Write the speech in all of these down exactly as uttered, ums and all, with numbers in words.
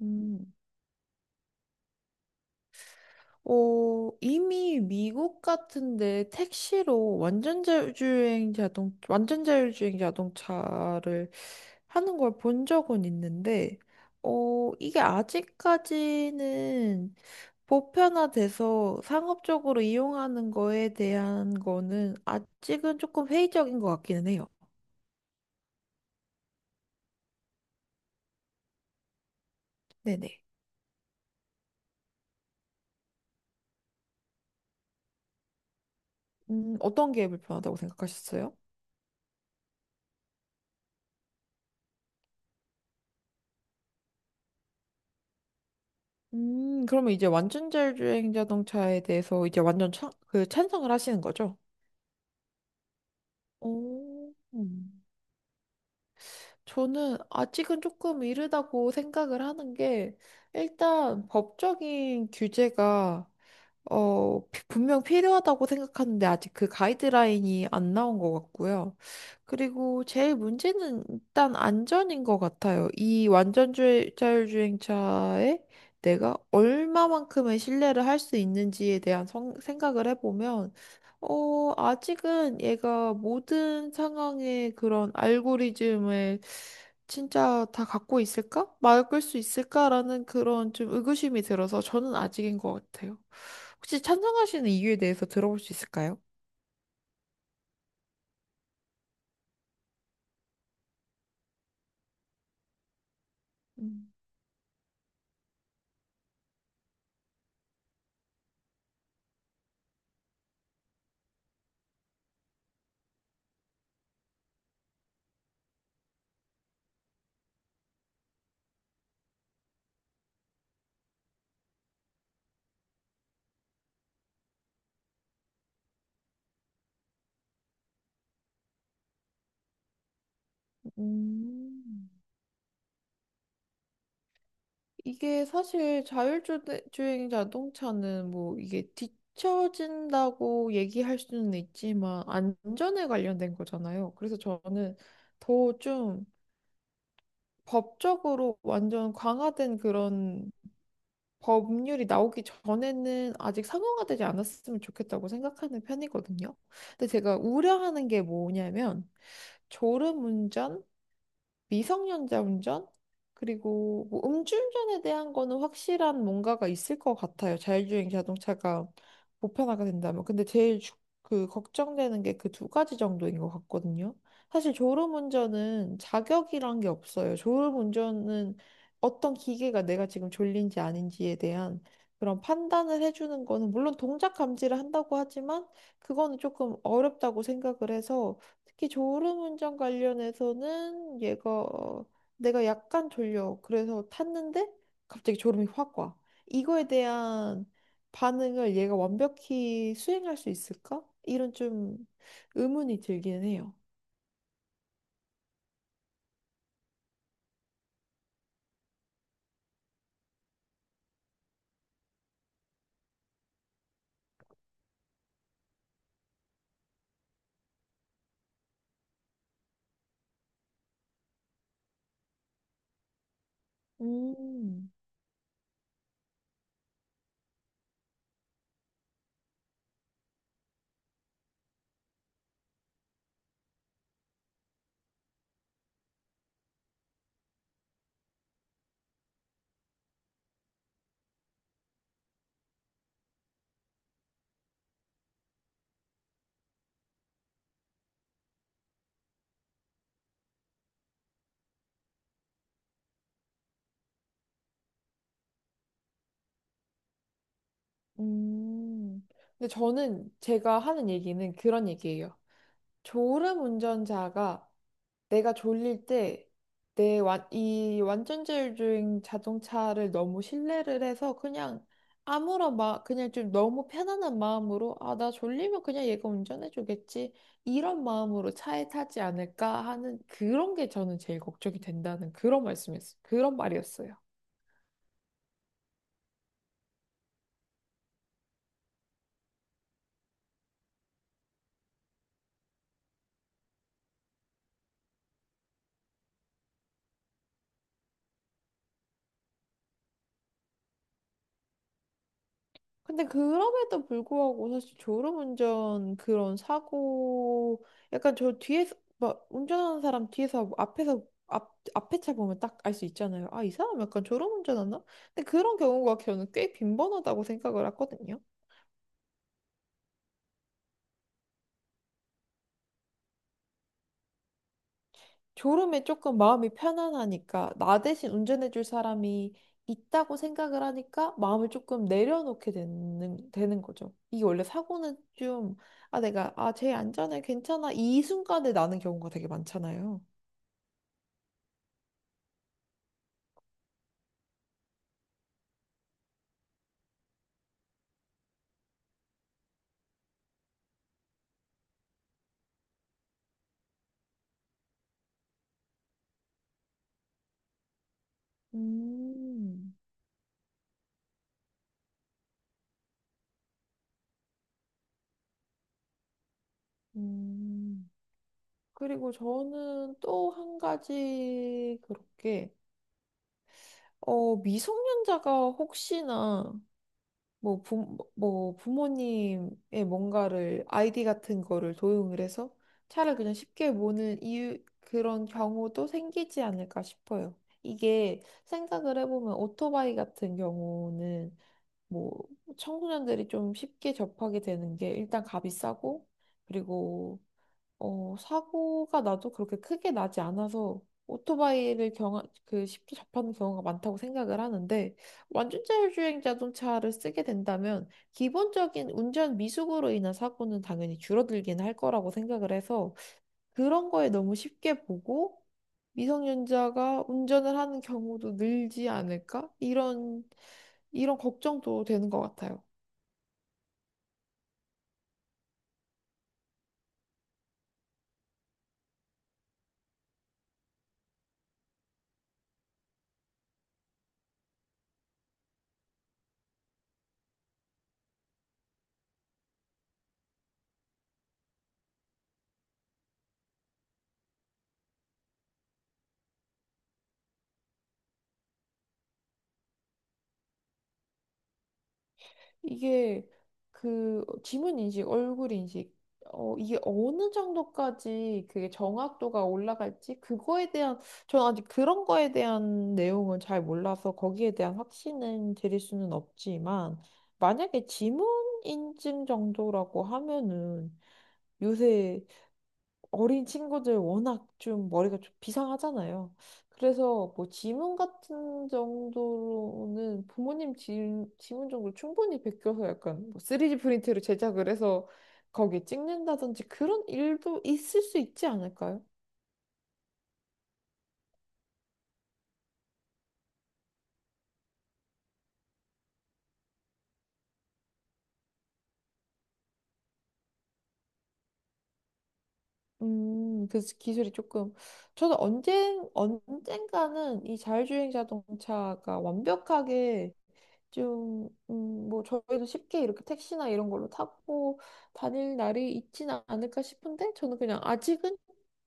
음. 어, 이미 미국 같은데 택시로 완전 자율주행 자동, 완전 자율주행 자동차를 하는 걸 본 적은 있는데, 어, 이게 아직까지는 보편화돼서 상업적으로 이용하는 거에 대한 거는 아직은 조금 회의적인 것 같기는 해요. 네네. 음, 어떤 게 불편하다고 생각하셨어요? 음, 그러면 이제 완전 자율주행 자동차에 대해서 이제 완전 찬, 그 찬성을 하시는 거죠? 오, 음. 저는 아직은 조금 이르다고 생각을 하는 게 일단 법적인 규제가 어, 피- 분명 필요하다고 생각하는데 아직 그 가이드라인이 안 나온 것 같고요. 그리고 제일 문제는 일단 안전인 것 같아요. 이 완전자율주행차에 내가 얼마만큼의 신뢰를 할 수 있는지에 대한 성- 생각을 해보면 어, 아직은 얘가 모든 상황의 그런 알고리즘을 진짜 다 갖고 있을까? 막을 수 있을까라는 그런 좀 의구심이 들어서 저는 아직인 것 같아요. 혹시 찬성하시는 이유에 대해서 들어볼 수 있을까요? 음, 음, 이게 사실 자율주행 자동차는 뭐 이게 뒤처진다고 얘기할 수는 있지만 안전에 관련된 거잖아요. 그래서 저는 더좀 법적으로 완전 강화된 그런 법률이 나오기 전에는 아직 상용화되지 않았으면 좋겠다고 생각하는 편이거든요. 근데 제가 우려하는 게 뭐냐면 졸음운전, 미성년자 운전? 그리고 뭐 음주운전에 대한 거는 확실한 뭔가가 있을 것 같아요. 자율주행 자동차가 보편화가 된다면. 근데 제일 주- 그 걱정되는 게 그 두 가지 정도인 것 같거든요. 사실 졸음운전은 자격이란 게 없어요. 졸음운전은 어떤 기계가 내가 지금 졸린지 아닌지에 대한 그런 판단을 해주는 거는 물론 동작 감지를 한다고 하지만 그거는 조금 어렵다고 생각을 해서 특히 졸음운전 관련해서는 얘가 어, 내가 약간 졸려. 그래서 탔는데 갑자기 졸음이 확 와. 이거에 대한 반응을 얘가 완벽히 수행할 수 있을까? 이런 좀 의문이 들기는 해요. 음, 음. 근데 저는 제가 하는 얘기는 그런 얘기예요. 졸음 운전자가 내가 졸릴 때 내 완, 이 완전자율주행 자동차를 너무 신뢰를 해서 그냥 아무런 마, 그냥 좀 너무 편안한 마음으로 아, 나 졸리면 그냥 얘가 운전해 주겠지. 이런 마음으로 차에 타지 않을까 하는 그런 게 저는 제일 걱정이 된다는 그런 말씀이었어요. 그런 말이었어요. 근데 그럼에도 불구하고 사실 졸음운전 그런 사고, 약간 저 뒤에서 막 운전하는 사람 뒤에서 앞에서 앞 앞에 차 보면 딱 알 수 있잖아요. 아, 이 사람 약간 졸음운전하나? 근데 그런 경우가 저는 꽤 빈번하다고 생각을 하거든요. 졸음에 조금 마음이 편안하니까 나 대신 운전해줄 사람이 있다고 생각을 하니까 마음을 조금 내려놓게 되는, 되는 거죠. 이게 원래 사고는 좀, 아, 내가, 아, 쟤 안전해, 괜찮아. 이 순간에 나는 경우가 되게 많잖아요. 음, 음. 그리고 저는 또 한 가지 그렇게, 어, 미성년자가 혹시나 뭐, 부, 뭐 부모님의 뭔가를 아이디 같은 거를 도용을 해서 차를 그냥 쉽게 모는 이유 그런 경우도 생기지 않을까 싶어요. 이게 생각을 해보면 오토바이 같은 경우는 뭐 청소년들이 좀 쉽게 접하게 되는 게 일단 값이 싸고 그리고 어, 사고가 나도 그렇게 크게 나지 않아서 오토바이를 경하, 그 쉽게 접하는 경우가 많다고 생각을 하는데 완전 자율주행 자동차를 쓰게 된다면 기본적인 운전 미숙으로 인한 사고는 당연히 줄어들긴 할 거라고 생각을 해서 그런 거에 너무 쉽게 보고 미성년자가 운전을 하는 경우도 늘지 않을까? 이런, 이런 걱정도 되는 것 같아요. 이게 그 지문 인식, 얼굴 인식, 어, 이게 어느 정도까지 그게 정확도가 올라갈지, 그거에 대한, 저는 아직 그런 거에 대한 내용은 잘 몰라서 거기에 대한 확신은 드릴 수는 없지만, 만약에 지문 인증 정도라고 하면은 요새 어린 친구들 워낙 좀 머리가 좀 비상하잖아요. 그래서 뭐 지문 같은 정도로는 부모님 지, 지문 정도로 충분히 베껴서 약간 뭐 쓰리디 프린트로 제작을 해서 거기에 찍는다든지 그런 일도 있을 수 있지 않을까요? 음, 그래서 기술이 조금, 저는 언젠 언젠가는 이 자율주행 자동차가 완벽하게 좀, 음, 뭐, 저희도 쉽게 이렇게 택시나 이런 걸로 타고 다닐 날이 있지는 않을까 싶은데, 저는 그냥 아직은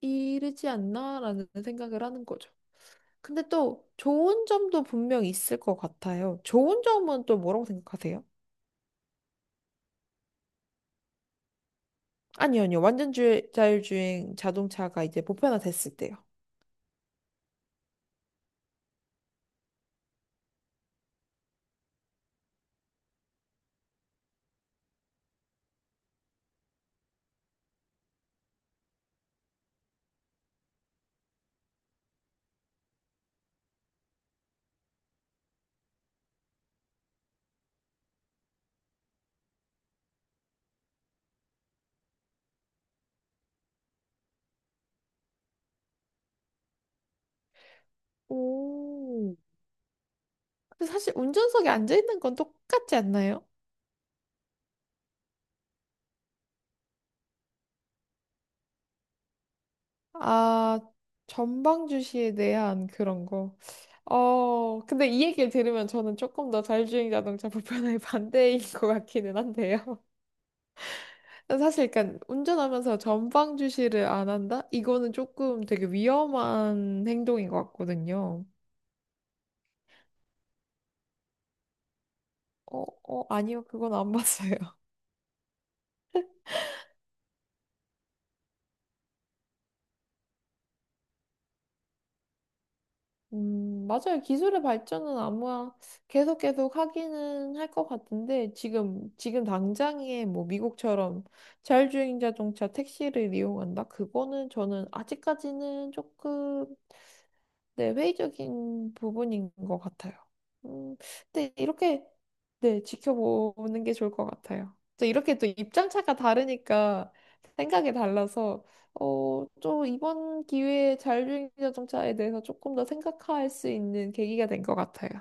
이르지 않나라는 생각을 하는 거죠. 근데 또 좋은 점도 분명 있을 것 같아요. 좋은 점은 또 뭐라고 생각하세요? 아니요, 아니요. 완전 주, 자율주행 자동차가 이제 보편화됐을 때요. 오. 근데 사실 운전석에 앉아 있는 건 똑같지 않나요? 아, 전방 주시에 대한 그런 거. 어, 근데 이 얘기를 들으면 저는 조금 더 자율주행 자동차 보편화의 반대인 것 같기는 한데요. 사실 그러니까 운전하면서 전방 주시를 안 한다? 이거는 조금 되게 위험한 행동인 것 같거든요. 어, 어, 아니요. 그건 안 봤어요. 음, 맞아요. 기술의 발전은 아마 계속 계속 하기는 할 것 같은데 지금, 지금 당장에 뭐 미국처럼 자율주행 자동차 택시를 이용한다? 그거는 저는 아직까지는 조금, 네, 회의적인 부분인 것 같아요. 음, 근데 이렇게, 네, 지켜보는 게 좋을 것 같아요. 또 이렇게 또 입장 차가 다르니까 생각이 달라서, 어, 또 이번 기회에 자율주행 자동차에 대해서 조금 더 생각할 수 있는 계기가 된 것 같아요.